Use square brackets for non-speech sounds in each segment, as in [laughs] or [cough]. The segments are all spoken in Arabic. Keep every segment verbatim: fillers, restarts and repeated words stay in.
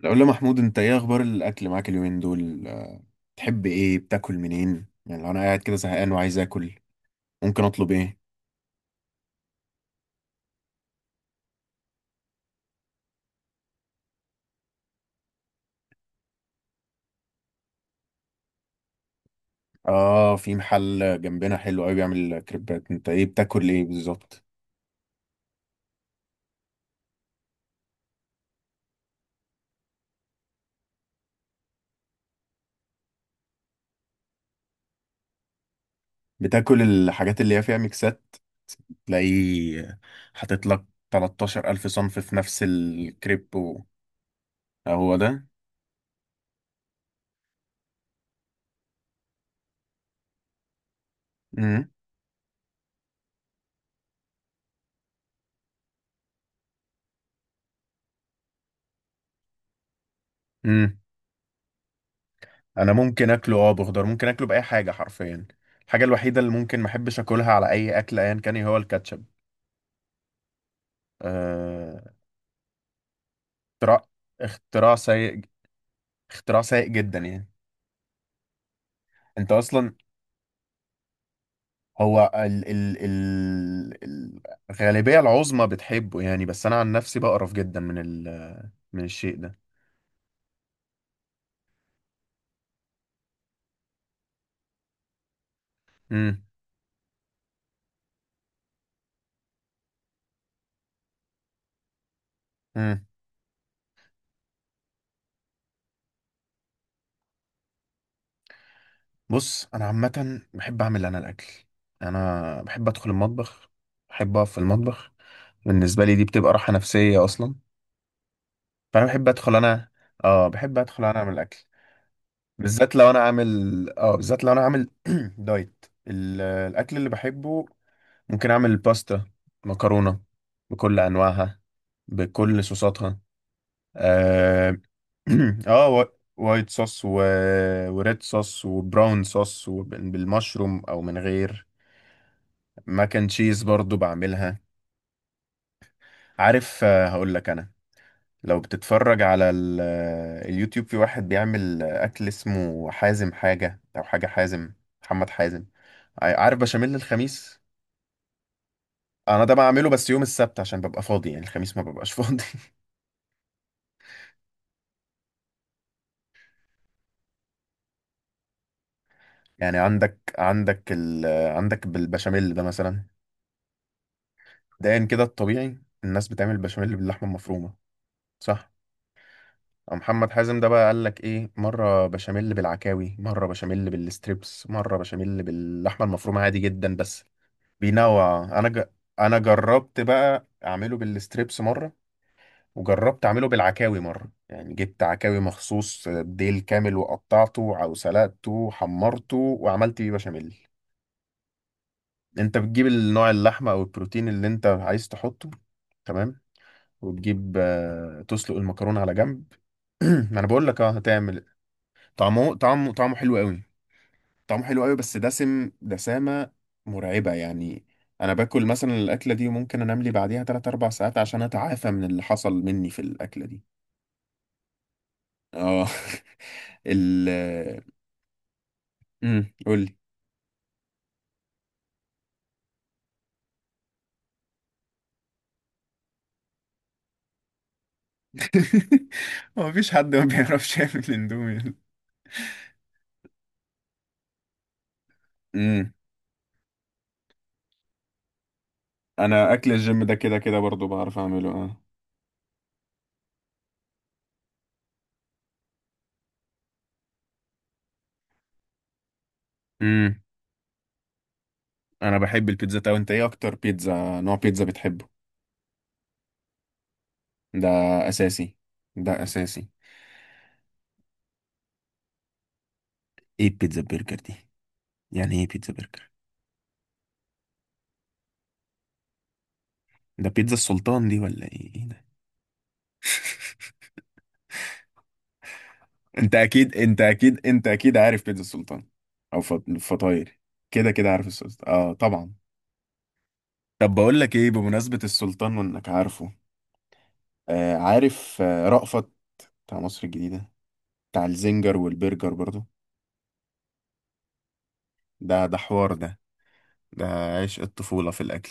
لو محمود انت ايه اخبار الاكل معاك اليومين دول أه، تحب ايه بتاكل منين؟ يعني لو انا قاعد كده زهقان وعايز اكل ممكن اطلب ايه؟ اه، في محل جنبنا حلو قوي بيعمل كريبات، انت ايه بتاكل ايه بالظبط؟ بتاكل الحاجات اللي هي فيها ميكسات، تلاقيه حاطط لك 13000 الف صنف في نفس الكريب و... آه، هو ده. امم امم انا ممكن اكله اه بخضار، ممكن اكله باي حاجه حرفيا. الحاجه الوحيده اللي ممكن ما احبش اكلها على اي اكل ايا كان هي هو الكاتشب. أه، اختراع، اختراع سيء، اختراع سيء جدا يعني. انت اصلا هو ال ال ال ال- الغالبية العظمى بتحبه يعني، بس انا عن نفسي بقرف جدا من ال من الشيء ده. امم امم بص، انا عامة بحب اعمل انا الاكل. انا بحب ادخل المطبخ، بحب اقف في المطبخ. بالنسبة لي دي بتبقى راحة نفسية اصلا. فانا بحب ادخل انا، اه بحب ادخل انا اعمل الاكل. بالذات لو انا عامل، اه بالذات لو انا عامل [clears throat] دايت، ال- الاكل اللي بحبه ممكن اعمل باستا، مكرونه بكل انواعها، بكل صوصاتها. اه, [clears throat] آه وا- وايت صوص و... وريد صوص وبراون صوص وبالمشروم او من غير. ماك اند تشيز برضو بعملها. عارف، آه هقول لك انا، لو بتتفرج على ال... آه، اليوتيوب، في واحد بيعمل آه، اكل اسمه حازم حاجه او حاجه حازم. محمد حازم، ع- عارف بشاميل الخميس؟ انا ده بعمله بس يوم السبت عشان ببقى فاضي، يعني الخميس ما ببقاش [laughs] فاضي. يعني عندك، عندك ال... عندك بالبشاميل ده مثلا، مبدئيا كده الطبيعي الناس بتعمل بشاميل باللحمه المفرومه، صح؟ محمد حازم ده بقى قال لك ايه؟ مره بشاميل بالعكاوي، مره بشاميل بالستريبس، مره بشاميل باللحمه المفرومه عادي جدا، بس بينوع. انا ج... انا جربت بقى اعمله بالستريبس مره، وجربت اعمله بالعكاوي مره، يعني جبت عكاوي مخصوص ديل كامل وقطعته او سلقته وحمرته وعملت بيه بشاميل. انت بتجيب النوع، اللحمة او البروتين اللي انت عايز تحطه، تمام، وتجيب آه، تسلق المكرونة على جنب. [clears throat] ما انا بقول لك، اه هتعمل. طعمه طعمه طعمه حلو قوي، طعمه حلو قوي بس دسم، دسامة مرعبة يعني. انا باكل مثلا الاكلة دي وممكن انام لي بعديها ثلاث أربع ساعات عشان اتعافى من اللي حصل مني في الاكلة دي. اه. [laughs] ال، امم قول لي. [laughs] هو مفيش حد ما بيعرفش يعمل اندومي. امم، انا اكل الجيم ده كده كده برضو بعرف اعمله، اه. امم، انا بحب البيتزا. طب انت ايه اكتر بيتزا نوع بيتزا بتحبه؟ ده اساسي، ده اساسي. ايه البيتزا برجر دي؟ يعني ايه بيتزا برجر؟ ده بيتزا السلطان دي ولا ايه؟ ايه ده؟ [laughs] انت اكيد انت اكيد انت اكيد عارف بيتزا السلطان، او فط- فطاير. كده كده عارف السلطان، اه طبعا. طب بقول لك ايه، بمناسبة السلطان وانك عارفه، آه عارف آه رأفت؟ بتاع مصر الجديدة، بتاع الزنجر والبرجر برضو. ده ده حوار ده، ده عشق الطفولة في الأكل.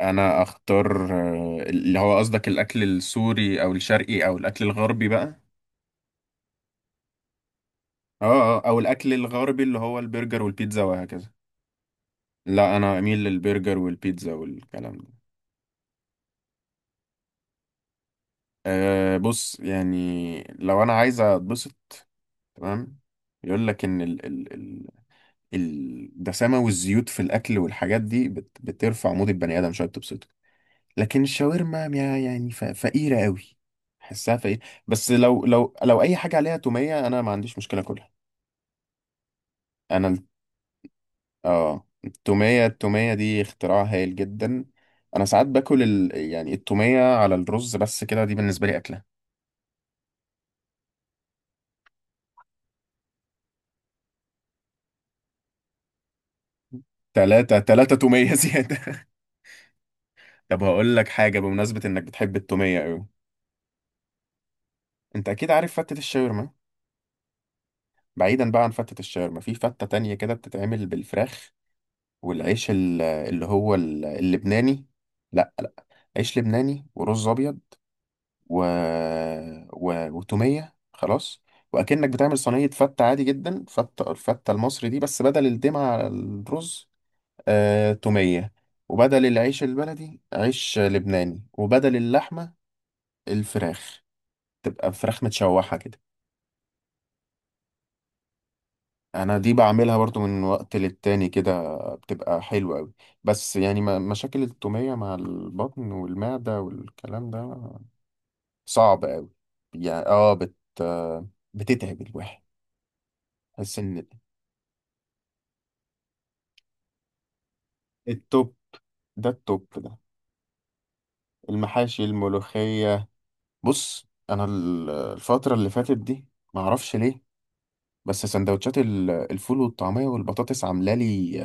انا اختار آه، اللي هو قصدك الاكل السوري او الشرقي او الاكل الغربي بقى؟ اه اه، او الاكل الغربي اللي هو البرجر والبيتزا وهكذا. لا انا اميل للبرجر والبيتزا والكلام ده. أه بص، يعني لو انا عايز اتبسط، تمام، يقول لك ان ال ال ال الدسامة والزيوت في الاكل والحاجات دي بت بترفع مود البني ادم شويه، بتبسطه. لكن الشاورما ما- يعني ف- فقيرة قوي، حسها فقيرة. بس لو لو لو اي حاجة عليها تومية انا ما عنديش مشكلة اكلها. انا ال- اه، التومية التومية دي اختراع هايل جدا. انا ساعات باكل ال... يعني التومية على الرز بس، كده دي بالنسبة لي اكلة. تلاتة تلاتة تومية [laughs] زيادة. طب هقول لك حاجة، بمناسبة انك بتحب التومية قوي، انت اكيد عارف فتة الشاورما. بعيدا بقى عن فتة الشاورما، في فتة تانية كده بتتعمل بالفراخ والعيش ال- اللي هو ال- اللبناني. لا لا، عيش لبناني ورز ابيض و... و... وتوميه خلاص. واكنك بتعمل صينيه فته عادي جدا، فته الفته المصري دي، بس بدل الدمعه على الرز آه... توميه، وبدل العيش البلدي عيش لبناني، وبدل اللحمه الفراخ، تبقى فراخ متشوحه كده. انا دي بعملها برضو من وقت للتاني كده، بتبقى حلوة قوي، بس يعني م- مشاكل التومية مع البطن والمعدة والكلام ده صعب قوي، يعني اه بت بتتعب الواحد. تحس ان، التوب ده، التوب ده، المحاشي، الملوخية. بص انا ال- الفترة اللي فاتت دي معرفش ليه، بس سندوتشات ال- الفول والطعمية والبطاطس عاملة لي،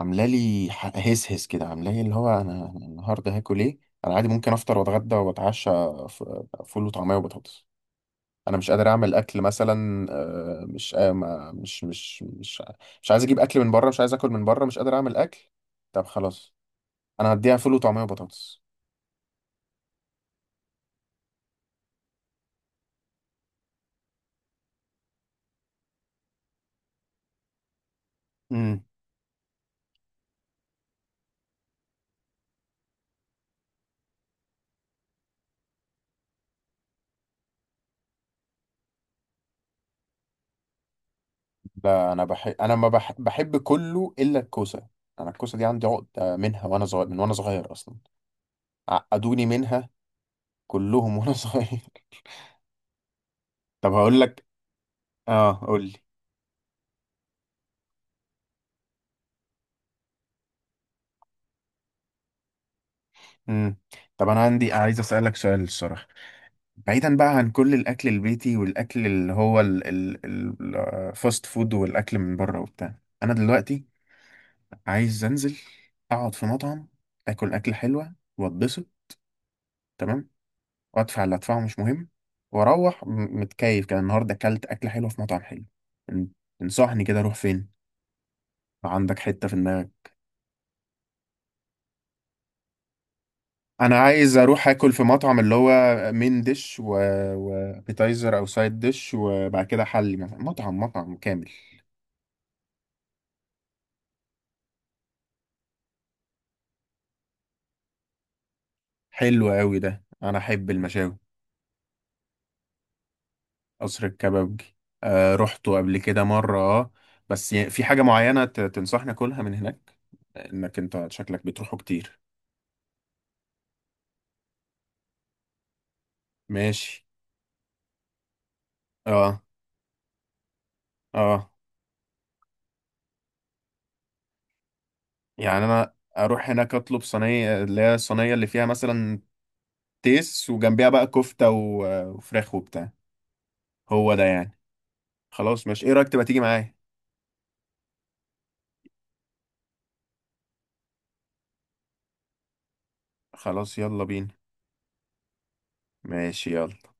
عامله لي ح- هس هس كده، عامله لي اللي هو، انا أنا النهارده هاكل ايه؟ انا عادي ممكن افطر واتغدى واتعشى ف- فول وطعميه وبطاطس. انا مش قادر اعمل اكل مثلا، آه، مش آه، ما- مش مش مش مش عايز اجيب اكل من بره، مش عايز اكل من بره، مش قادر اعمل اكل. طب خلاص انا هديها فول وطعميه وبطاطس. امم. لا انا بحب، انا ما بح... بحب كله الا الكوسه. انا الكوسه دي عندي عقده منها وانا صغير، من وانا صغير اصلا عقدوني منها كلهم وانا [laughs] صغير. طب هقول لك، اه قول لي. امم. طب انا عندي، عايز اسالك سؤال الصراحه، بعيدا بقى عن كل الاكل البيتي والاكل اللي هو الفاست فود والاكل من بره وبتاع. انا دلوقتي عايز انزل اقعد في مطعم، اكل اكل حلوه واتبسط، تمام، وادفع اللي ادفعه مش مهم، واروح م- متكيف كده، النهارده اكلت اكل حلو في مطعم حلو. تن- تنصحني كده اروح فين؟ عندك حته في دماغك؟ انا عايز اروح اكل في مطعم اللي هو مين ديش و... وابيتايزر او سايد ديش، وبعد كده حلي مثلا، مطعم مطعم كامل. حلو قوي ده، انا احب المشاوي. قصر الكبابجي، آه رحته قبل كده مره اه، بس ي- في حاجه معينه ت- تنصحني اكلها من هناك؟ انك انت شكلك بتروحه كتير. ماشي. اه اه، يعني انا اروح هناك اطلب صينيه، اللي هي الصينيه اللي فيها مثلا تيس، وجنبها بقى كفته و- وفراخ وبتاع. هو ده يعني. خلاص ماشي، ايه رأيك تبقى تيجي معايا؟ خلاص يلا بينا. ماشي يلا.